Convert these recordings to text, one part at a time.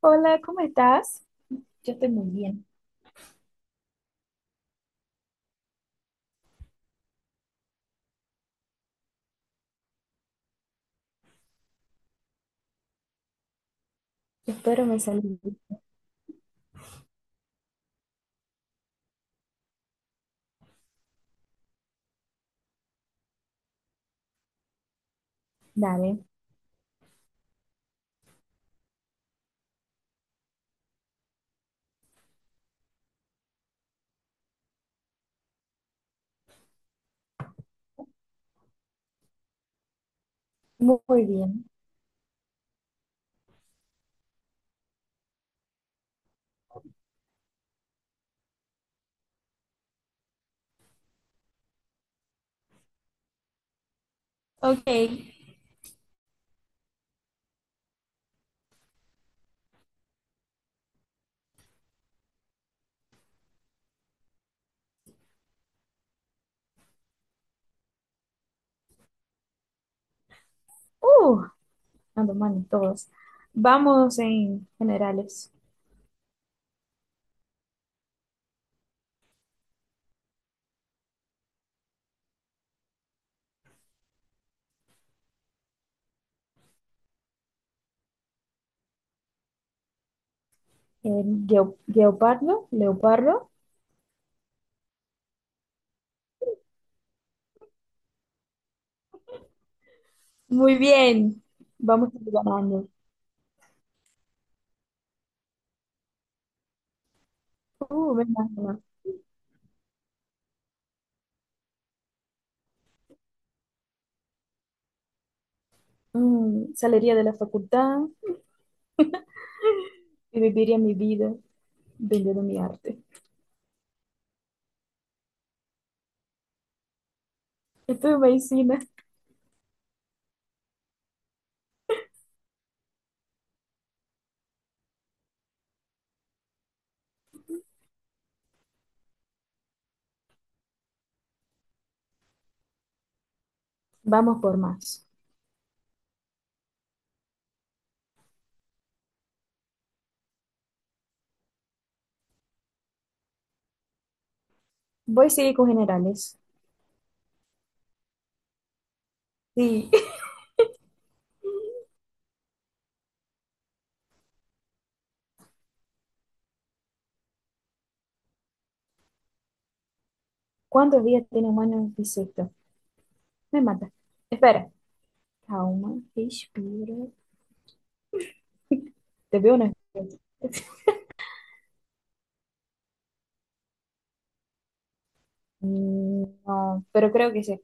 Hola, ¿cómo estás? Yo estoy muy bien. Espero me salí. Dale. Muy bien. Ok. Uh, ando mal en todos. Vamos en generales. Eh, Geo- Geopardo, Leopardo. Muy bien. Vamos ganando. Venga, venga. Saliría de la facultad y viviría mi vida vendiendo mi arte. Estudio medicina. Vamos por más. Voy a seguir con generales. Sí. ¿Cuántos días tiene un año bisiesto? Me mata. Espera. Calma, respira. Te veo una cosa. Mm, no, pero creo que sí.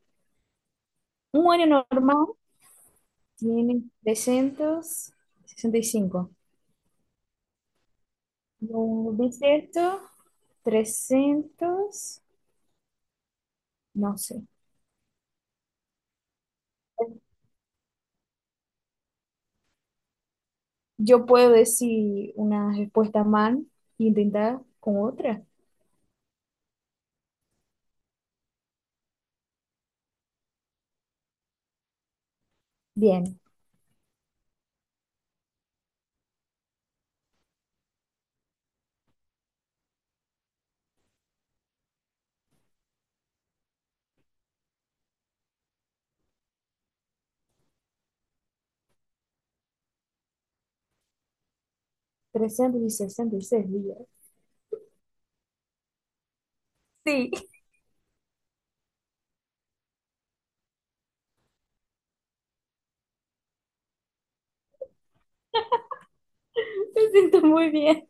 Un año normal tiene 365. Un bisiesto, 300, no sé. Yo puedo decir una respuesta mal e intentar con otra. Bien, 366 días. Sí. Me siento muy bien.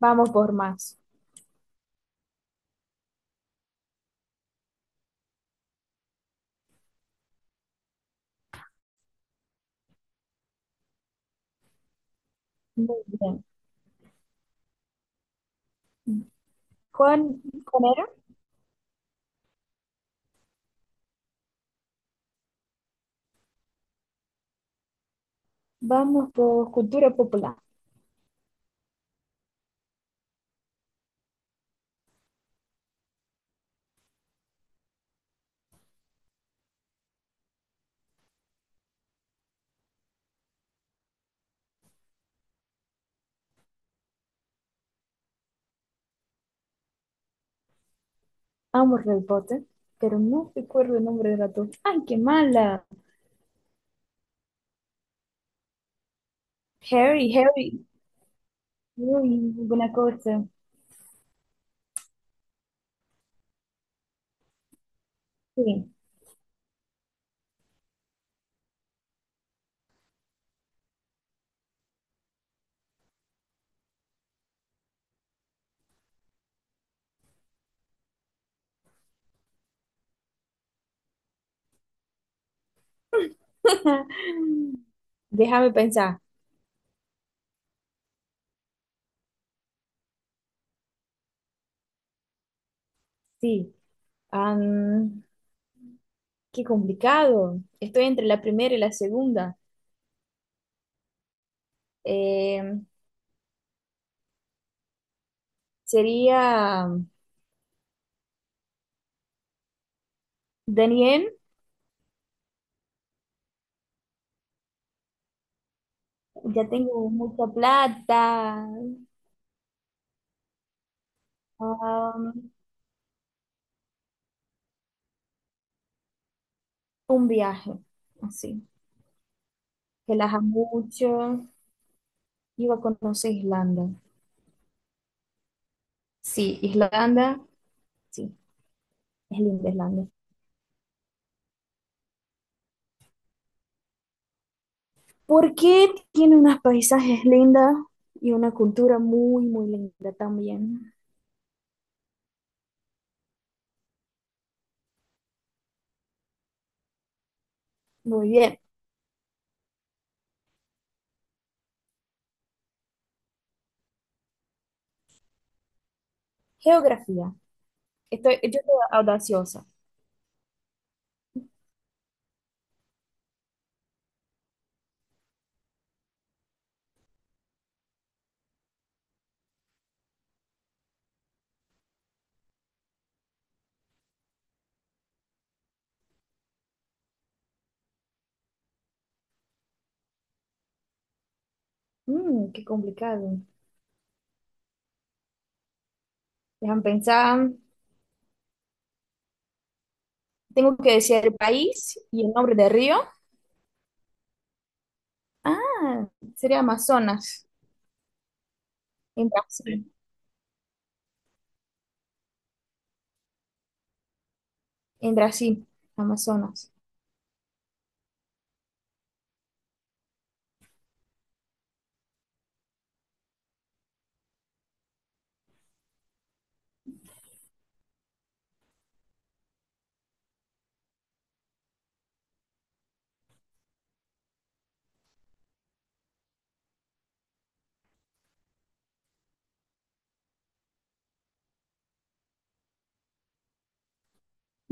Vamos por más. Muy bien. ¿Cuál, cuál era? Vamos por cultura popular. Amo Harry Potter, pero no recuerdo el nombre del ratón. ¡Ay, qué mala! Harry, Harry. Uy, buena cosa. Sí. Déjame pensar. Sí. Am, qué complicado. Estoy entre la primera y la segunda. Eh, sería Daniel. Ya tengo mucha plata. Am, un viaje. Así. Que las amo mucho. Iba a conocer Irlanda. Sí, Islanda. Sí, es linda Islanda. ¿Por qué tiene unos paisajes lindos y una cultura muy, muy linda también? Muy bien. Geografía. Yo estoy audaciosa. Qué complicado. Déjame pensar. Tengo que decir el país y el nombre del río. Ah, sería Amazonas, en Brasil. En Brasil, Amazonas.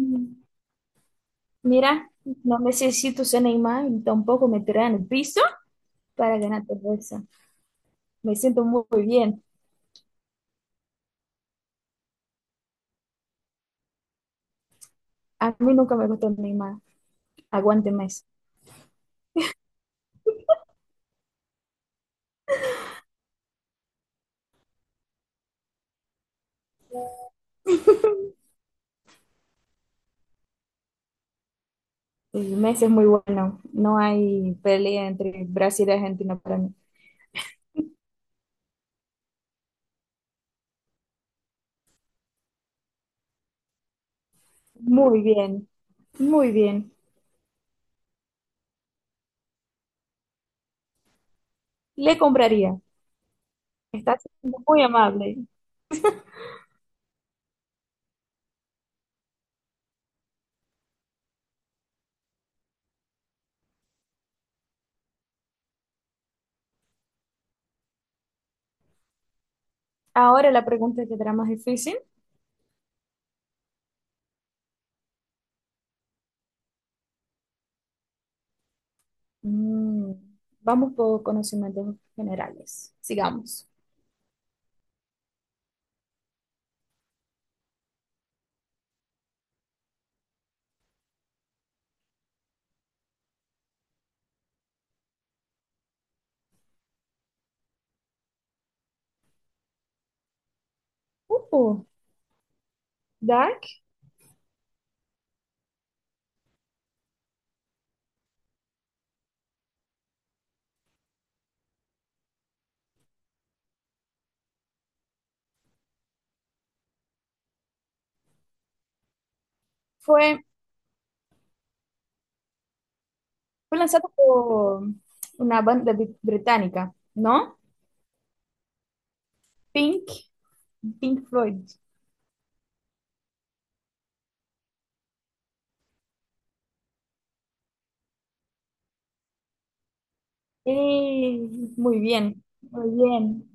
Mm, mira, no necesito ser Neymar y tampoco me tiraré en el piso para ganar todo eso. Me siento muy bien. A mí nunca me gustó Neymar. Aguante Messi. Y Messi es muy bueno. No hay pelea entre Brasil y Argentina para mí. Muy bien, muy bien. Le compraría. Está siendo muy amable. Ahora la pregunta que será más difícil. Mm, vamos por conocimientos generales. Sigamos. Uh, Dark fue, fue lanzado por una banda británica, ¿no? Pink, Pink Floyd. Eh, muy bien, muy bien.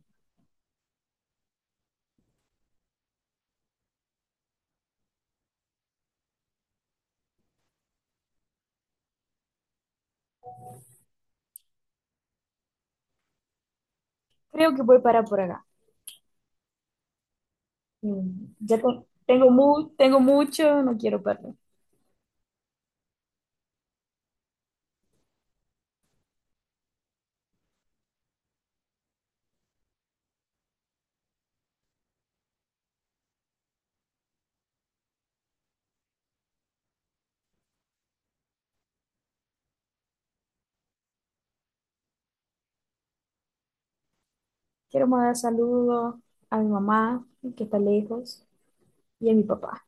Creo que voy para por acá. Mm, Ya te- tengo mucho, no quiero perder. Quiero mandar saludos a mi mamá, que está lejos, y a mi papá.